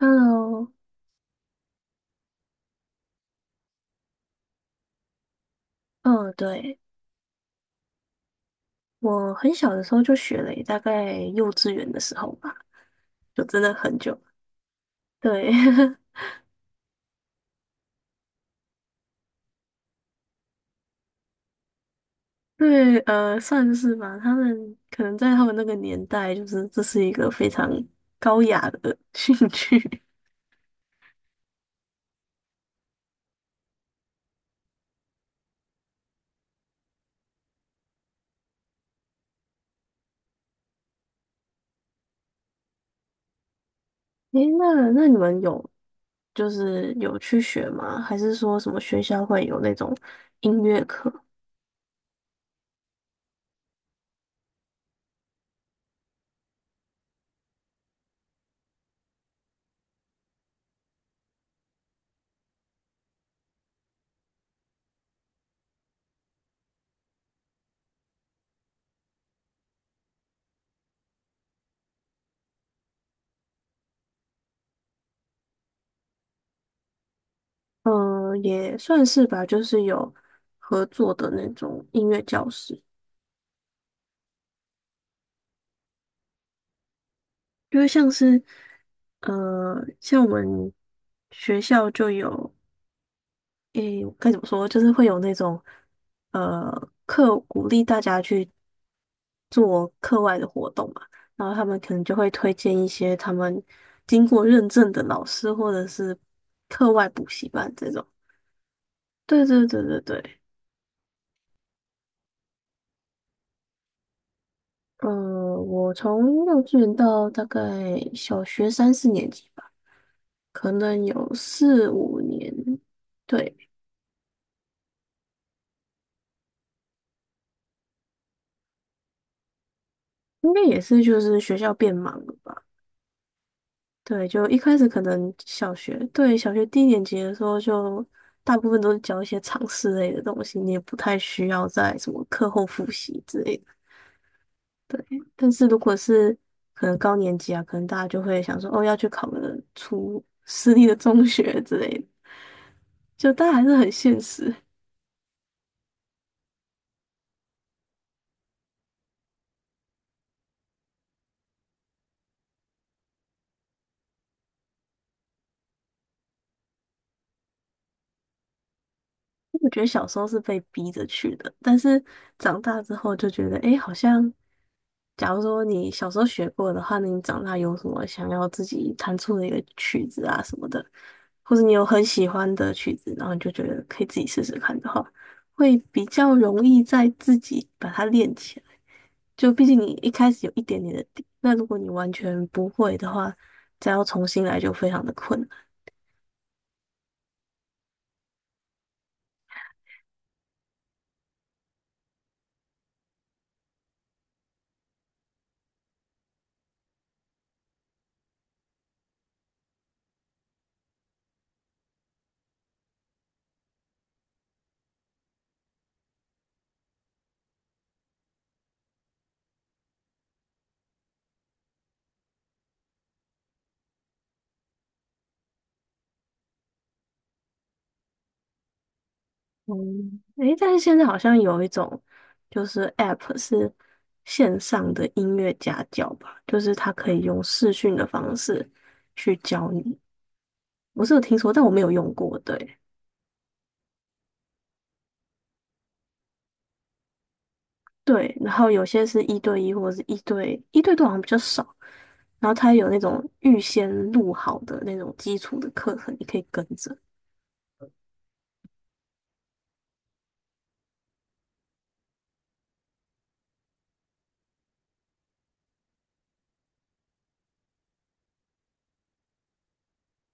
Hello，嗯，对，我很小的时候就学了耶大概幼稚园的时候吧，就真的很久。对，对，算是吧。他们可能在他们那个年代，就是这是一个非常高雅的 兴趣。诶，那你们有就是有去学吗？还是说什么学校会有那种音乐课？嗯，也算是吧，就是有合作的那种音乐教室。因为像是，呃，像我们学校就有，诶，该怎么说，就是会有那种，呃，课鼓励大家去做课外的活动嘛，然后他们可能就会推荐一些他们经过认证的老师或者是课外补习班这种。对对对对对，呃，我从幼稚园到大概小学三四年级吧，可能有四五年。对，应该也是就是学校变忙了吧？对，就一开始可能小学，对，小学低年级的时候就大部分都是教一些常识类的东西，你也不太需要在什么课后复习之类的。但是如果是可能高年级啊，可能大家就会想说，哦，要去考个出私立的中学之类的，就大家还是很现实。我觉得小时候是被逼着去的，但是长大之后就觉得，哎，好像，假如说你小时候学过的话，那你长大有什么想要自己弹出的一个曲子啊什么的，或者你有很喜欢的曲子，然后你就觉得可以自己试试看的话，会比较容易在自己把它练起来。就毕竟你一开始有一点点的底，那如果你完全不会的话，再要重新来就非常的困难。嗯，诶，但是现在好像有一种就是 App 是线上的音乐家教吧，就是它可以用视讯的方式去教你。我是有听说，但我没有用过。对对，然后有些是一对一或者是一对一对多好像比较少，然后它有那种预先录好的那种基础的课程，你可以跟着。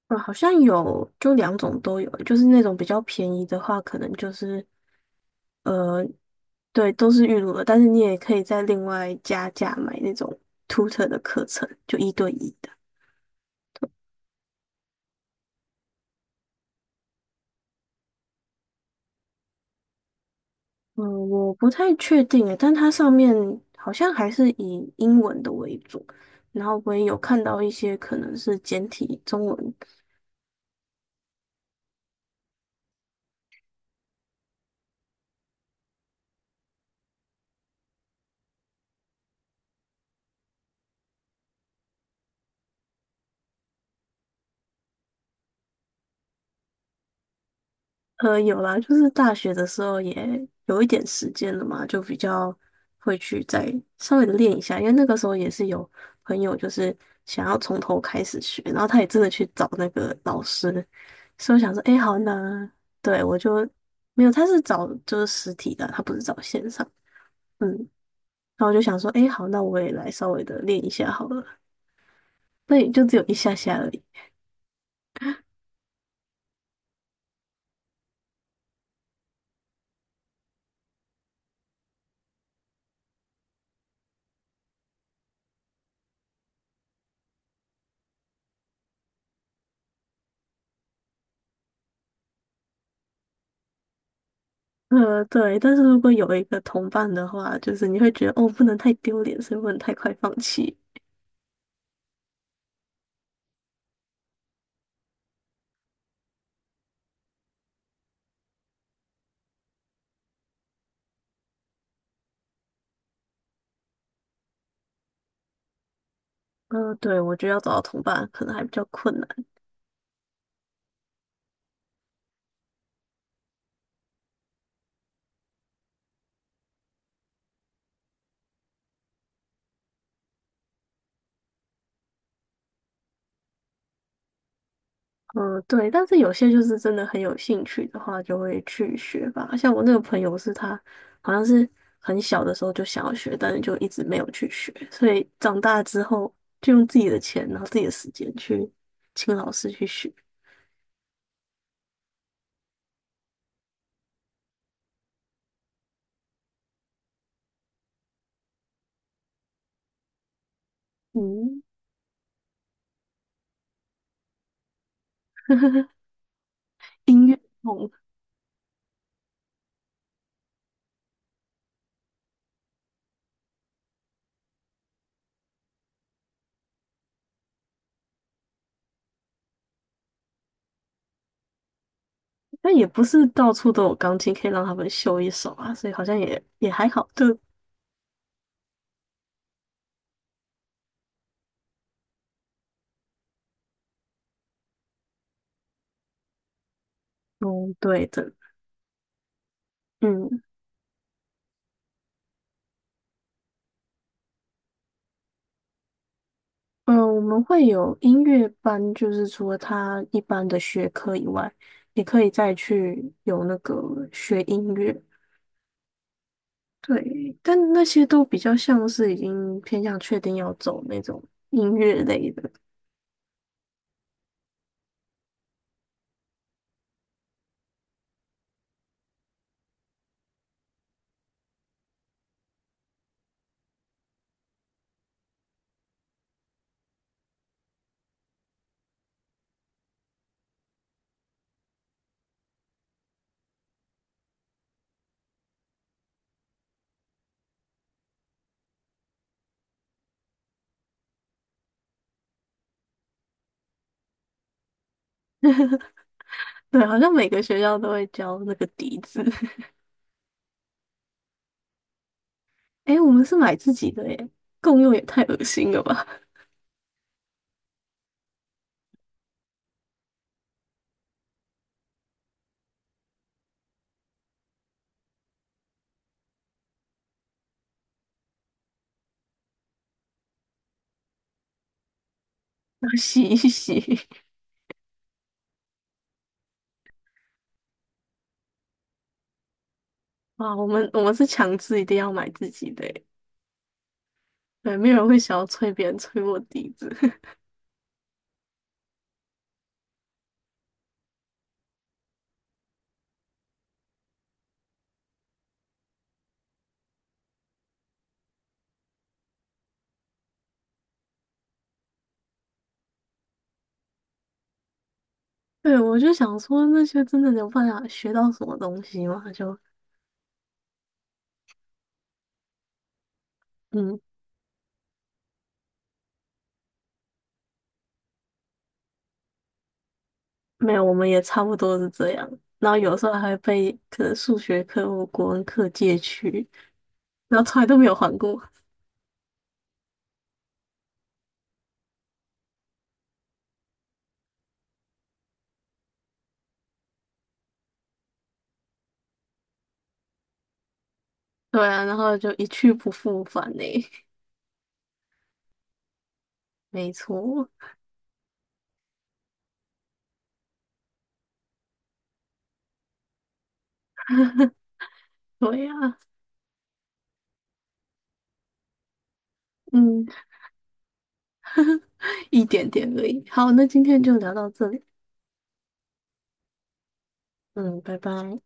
好像有，就两种都有，就是那种比较便宜的话，可能就是。呃，对，都是预录的，但是你也可以再另外加价买那种 tutor 的课程，就一对一的。嗯，我不太确定诶，但它上面好像还是以英文的为主，然后我也有看到一些可能是简体中文。有啦，就是大学的时候也有一点时间了嘛，就比较会去再稍微的练一下，因为那个时候也是有朋友就是想要从头开始学，然后他也真的去找那个老师，所以我想说，哎，好那对我就没有，他是找就是实体的，他不是找线上，嗯，然后我就想说，哎，好，那我也来稍微的练一下好了，那也就只有一下下而已。对，但是如果有一个同伴的话，就是你会觉得哦，不能太丢脸，所以不能太快放弃。对，我觉得要找到同伴可能还比较困难。嗯、对，但是有些就是真的很有兴趣的话，就会去学吧。像我那个朋友是他，好像是很小的时候就想要学，但是就一直没有去学，所以长大之后就用自己的钱，然后自己的时间去请老师去学。嗯，音乐梦。哦，但也不是到处都有钢琴可以让他们秀一手啊，所以好像也还好。就嗯，对的，嗯嗯，我们会有音乐班，就是除了他一般的学科以外，也可以再去有那个学音乐。对，但那些都比较像是已经偏向确定要走那种音乐类的。对，好像每个学校都会教那个笛子。诶，我们是买自己的耶，共用也太恶心了吧，要洗一洗。哇，我们是强制一定要买自己的欸，对，没有人会想要催别人催我笛子。对，我就想说那些真的有办法学到什么东西吗？就嗯，没有，我们也差不多是这样。然后有时候还会被可能数学课或国文课借去，然后从来都没有还过。对啊，然后就一去不复返呢。没错，对呀、啊嗯，一点点而已。好，那今天就聊到这里，嗯，拜拜。